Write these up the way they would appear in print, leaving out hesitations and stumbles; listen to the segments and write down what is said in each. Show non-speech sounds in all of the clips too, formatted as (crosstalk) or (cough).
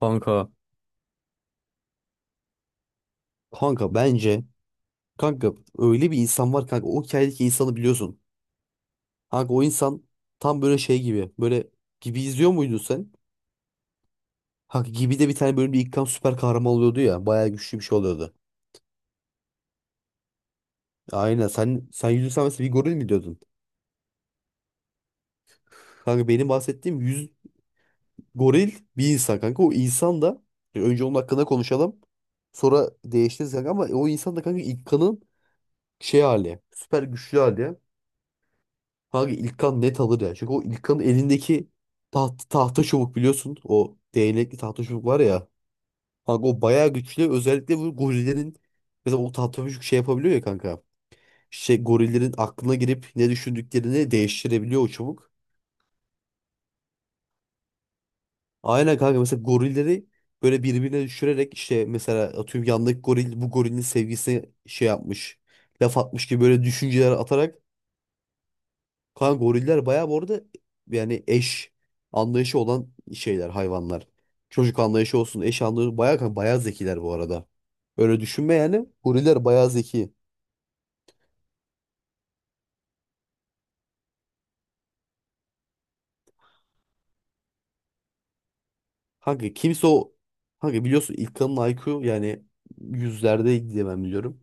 Kanka Kanka bence kanka öyle bir insan var kanka o hikayedeki insanı biliyorsun. Kanka o insan tam böyle şey gibi böyle gibi izliyor muydun sen? Kanka gibi de bir tane bölümde ilk kan süper kahraman oluyordu ya bayağı güçlü bir şey oluyordu. Aynen sen yüzü sen mesela bir goril mi diyordun? Kanka benim bahsettiğim yüz goril bir insan kanka o insan da önce onun hakkında konuşalım sonra değiştiririz kanka ama o insan da kanka ilk kanın şey hali süper güçlü hali. Kanka İlkan net alır ya. Çünkü o İlkan'ın elindeki tahta çubuk biliyorsun. O değnekli tahta çubuk var ya. Kanka o bayağı güçlü. Özellikle bu gorillerin mesela o tahta çubuk şey yapabiliyor ya kanka. Şey gorillerin aklına girip ne düşündüklerini değiştirebiliyor o çubuk. Aynen kanka mesela gorilleri böyle birbirine düşürerek işte mesela atıyorum yandaki goril bu gorilin sevgisine şey yapmış. Laf atmış gibi böyle düşünceler atarak Kan goriller bayağı bu arada yani eş anlayışı olan şeyler hayvanlar. Çocuk anlayışı olsun, eş anlayışı bayağı bayağı zekiler bu arada. Öyle düşünme yani. Goriller bayağı zeki. Kanka kimse o kanka biliyorsun ilk İlkan'ın IQ yani yüzlerde diye ben biliyorum.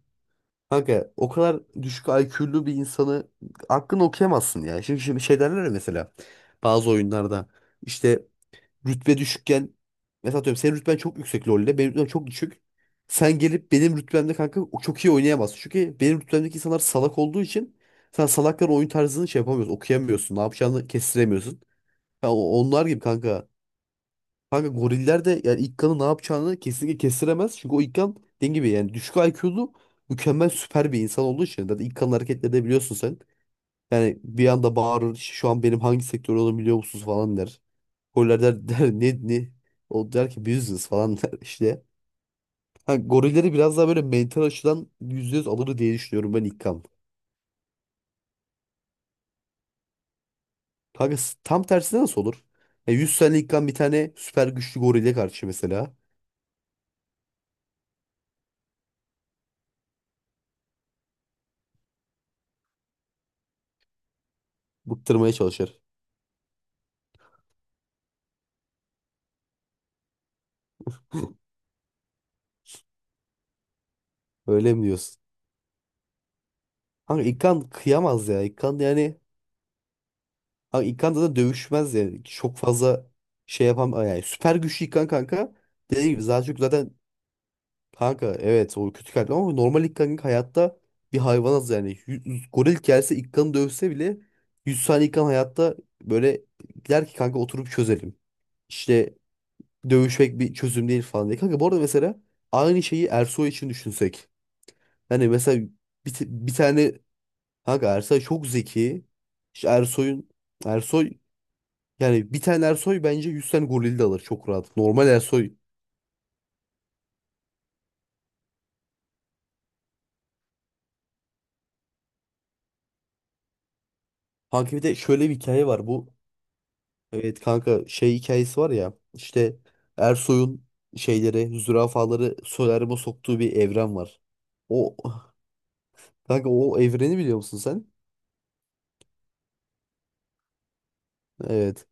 Kanka o kadar düşük IQ'lu bir insanı aklını okuyamazsın ya. Şimdi, şey derler ya mesela bazı oyunlarda işte rütbe düşükken mesela atıyorum senin rütben çok yüksek LoL'de benim rütbem çok düşük. Sen gelip benim rütbemde kanka o çok iyi oynayamazsın. Çünkü benim rütbemdeki insanlar salak olduğu için sen salakların oyun tarzını şey yapamıyorsun, okuyamıyorsun, ne yapacağını kestiremiyorsun. Ha, onlar gibi kanka. Kanka goriller de yani İkkan'ın ne yapacağını kesinlikle kestiremez. Çünkü o İkkan dediğim gibi yani düşük IQ'lu mükemmel süper bir insan olduğu için. Zaten İkkan'ın hareketlerini de biliyorsun sen. Yani bir anda bağırır "İşte şu an benim hangi sektör olduğumu biliyor musunuz falan der. Goriller der, ne ne? O der ki business falan der (laughs) işte. Ha, gorilleri biraz daha böyle mental açıdan %100 alır diye düşünüyorum ben İlkan. Kanka tam tersine nasıl olur? Ya 100 tane İlkan bir tane süper güçlü gorille karşı mesela bıktırmaya çalışır. Öyle mi diyorsun? Kanka İlkan kıyamaz ya. İlkan yani kanka İlkan da dövüşmez yani. Çok fazla şey yapam yani süper güçlü İlkan kanka. Dediğim gibi zaten Kanka evet o kötü kalpli ama normal ilk hayatta bir hayvanız yani. Yüz- goril gelse ilk kanı dövse bile 100 saniye ilk hayatta böyle der ki kanka oturup çözelim. İşte dövüşmek bir çözüm değil falan diye. Kanka bu arada mesela aynı şeyi Ersoy için düşünsek. Hani mesela bir tane kanka Ersoy çok zeki. İşte Ersoy'un Ersoy yani bir tane Ersoy bence 100 tane goril de alır çok rahat. Normal Ersoy. Kanka bir de şöyle bir hikaye var bu. Evet kanka şey hikayesi var ya işte Ersoy'un şeyleri zürafaları solaryuma soktuğu bir evren var. O kanka o evreni biliyor musun sen? Evet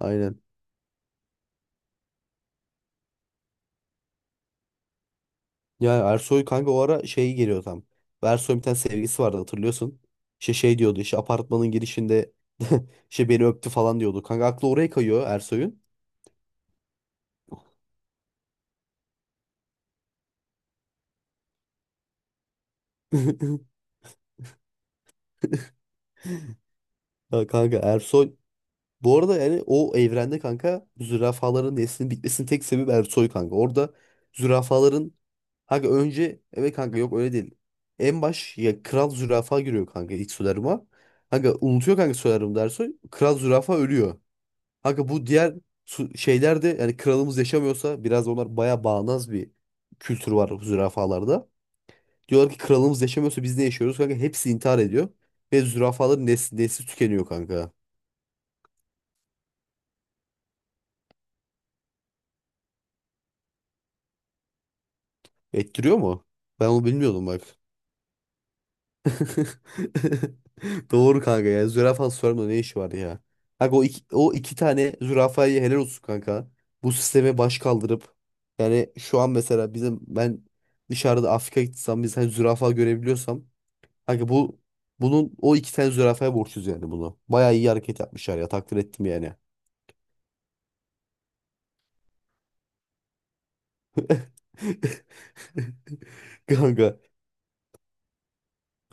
aynen. Yani Ersoy kanka o ara şey geliyor tam. Ersoy'un bir tane sevgisi vardı hatırlıyorsun. İşte şey diyordu işte apartmanın girişinde (laughs) işte beni öptü falan diyordu. Kanka aklı oraya kayıyor Ersoy'un. (laughs) Ya Kanka Ersoy bu arada yani o evrende kanka zürafaların neslinin bitmesinin tek sebebi Ersoy kanka. Orada zürafaların Kanka önce evet kanka yok öyle değil. En baş ya kral zürafa giriyor kanka ilk solaryuma. Kanka unutuyor kanka solaryum dersi. Kral zürafa ölüyor. Kanka bu diğer şeyler de yani kralımız yaşamıyorsa biraz onlar baya bağnaz bir kültür var zürafalarda. Diyorlar ki kralımız yaşamıyorsa biz ne yaşıyoruz? Kanka hepsi intihar ediyor. Ve zürafaların nesli tükeniyor kanka. Ettiriyor mu? Ben onu bilmiyordum bak. (laughs) Doğru kanka ya. Zürafa sorma ne işi var ya. Kanka o iki tane zürafayı helal olsun kanka. Bu sisteme baş kaldırıp yani şu an mesela bizim ben dışarıda Afrika gitsem biz hani zürafa görebiliyorsam kanka bu bunun o iki tane zürafaya borçluyuz yani bunu. Bayağı iyi hareket yapmışlar ya takdir ettim yani. (laughs) Kanka.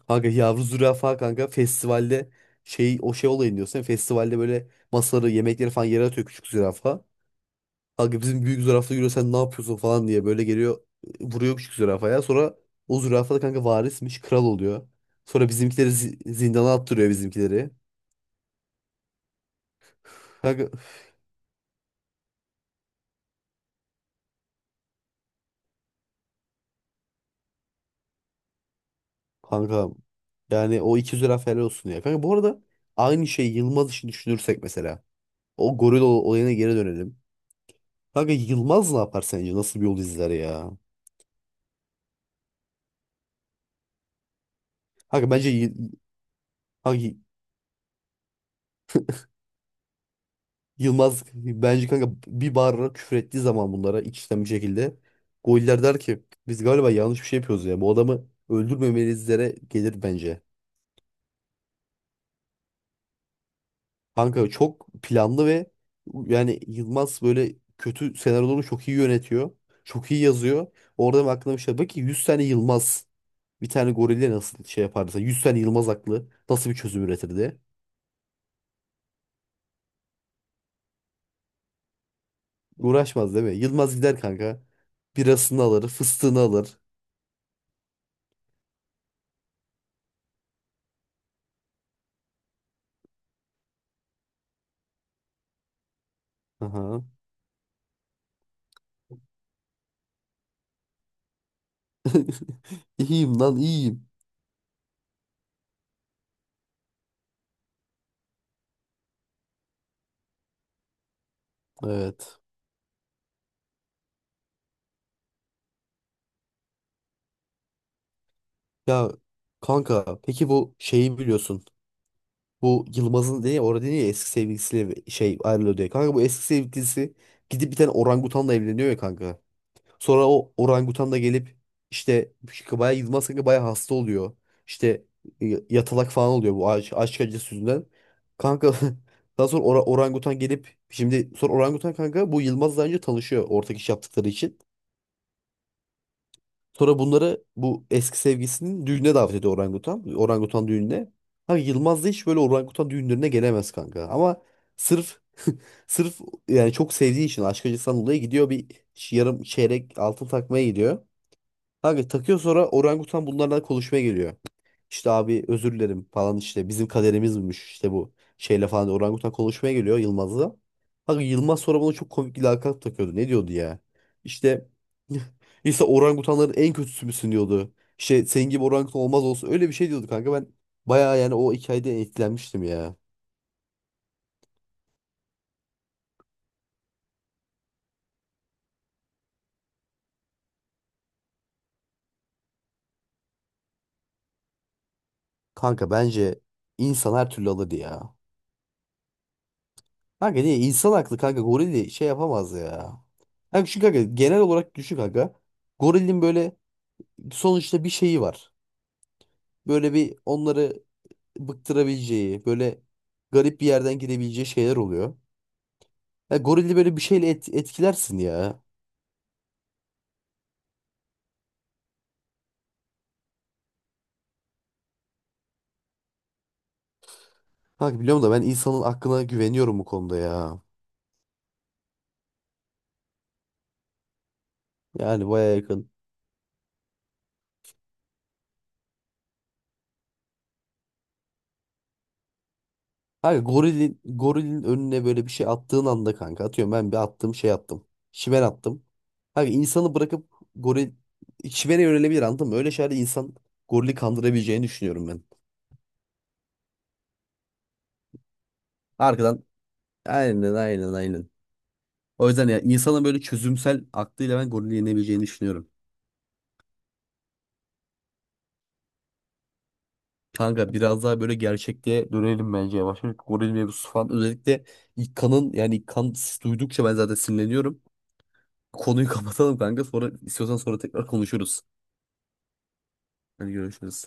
Kanka yavru zürafa kanka festivalde şey o şey olayını diyorsun. Festivalde böyle masaları yemekleri falan yere atıyor küçük zürafa. Kanka bizim büyük zürafa yürüyor sen ne yapıyorsun falan diye böyle geliyor vuruyor küçük zürafaya. Sonra o zürafa da kanka varismiş kral oluyor. Sonra bizimkileri zindana attırıyor bizimkileri. Kanka, kanka, yani o iki zürafa helal olsun ya. Kanka bu arada aynı şey Yılmaz için düşünürsek mesela. O goril olayına geri dönelim. Kanka Yılmaz ne yapar sence? Nasıl bir yol izler ya? Kanka bence kanka Yılmaz bence kanka bir bağırarak küfür ettiği zaman bunlara iç içten bir şekilde goller der ki biz galiba yanlış bir şey yapıyoruz ya. Bu adamı öldürmemelizlere gelir bence. Kanka çok planlı ve yani Yılmaz böyle kötü senaryoları çok iyi yönetiyor. Çok iyi yazıyor. Orada benim aklıma bir şey bak ki 100 tane Yılmaz bir tane gorille nasıl şey yapardı? Mesela 100 tane Yılmaz aklı nasıl bir çözüm üretirdi? Uğraşmaz değil mi? Yılmaz gider kanka. Birasını alır, fıstığını alır. Aha. (laughs) İyiyim lan iyiyim. Evet. Ya kanka peki bu şeyi biliyorsun. Bu Yılmaz'ın diye orada diye ya, eski sevgilisiyle bir şey ayrılıyor diye. Kanka bu eski sevgilisi gidip bir tane orangutanla evleniyor ya kanka. Sonra o orangutan da gelip işte bayağı Yılmaz kanka bayağı hasta oluyor. İşte yatalak falan oluyor bu aşk acısı yüzünden. Kanka (laughs) daha sonra orangutan gelip şimdi sonra orangutan kanka bu Yılmaz'la önce tanışıyor ortak iş yaptıkları için. Sonra bunları bu eski sevgisinin düğününe davet ediyor orangutan. Orangutan düğününe. Ha Yılmaz da hiç böyle orangutan düğünlerine gelemez kanka. Ama sırf (laughs) sırf yani çok sevdiği için aşk acısından dolayı gidiyor bir yarım çeyrek altın takmaya gidiyor. Kanka takıyor sonra orangutan bunlarla konuşmaya geliyor. İşte abi özür dilerim falan işte bizim kaderimizmiş işte bu şeyle falan diye orangutan konuşmaya geliyor Yılmaz'la. Kanka Yılmaz sonra bana çok komik bir lakap takıyordu. Ne diyordu ya? İşte (laughs) işte orangutanların en kötüsü müsün diyordu. İşte senin gibi orangutan olmaz olsun öyle bir şey diyordu kanka ben bayağı yani o hikayeden etkilenmiştim ya. Kanka bence insan her türlü alır ya. Kanka niye insan haklı kanka goril şey yapamaz ya. Hem çünkü kanka genel olarak düşük kanka. Gorilin böyle sonuçta bir şeyi var. Böyle bir onları bıktırabileceği, böyle garip bir yerden gidebileceği şeyler oluyor. Ya gorili böyle bir şeyle etkilersin ya. Kanka biliyorum da ben insanın aklına güveniyorum bu konuda ya. Yani baya yakın. Kanka gorilin, önüne böyle bir şey attığın anda kanka atıyorum ben bir attım şey attım. Şiven attım. Kanka insanı bırakıp goril şivene yönelebilir anladın mı? Öyle şeylerde insan gorili kandırabileceğini düşünüyorum ben. Arkadan Aynen aynen aynen. O yüzden ya insanın böyle çözümsel aklıyla ben gorili yenebileceğini düşünüyorum. Kanka biraz daha böyle gerçekliğe dönelim bence yavaş. Yavaş. Goril mevzusu falan özellikle ilk kanın yani ilk kan duydukça ben zaten sinirleniyorum. Konuyu (laughs) kapatalım kanka sonra istiyorsan sonra tekrar konuşuruz. Hadi görüşürüz.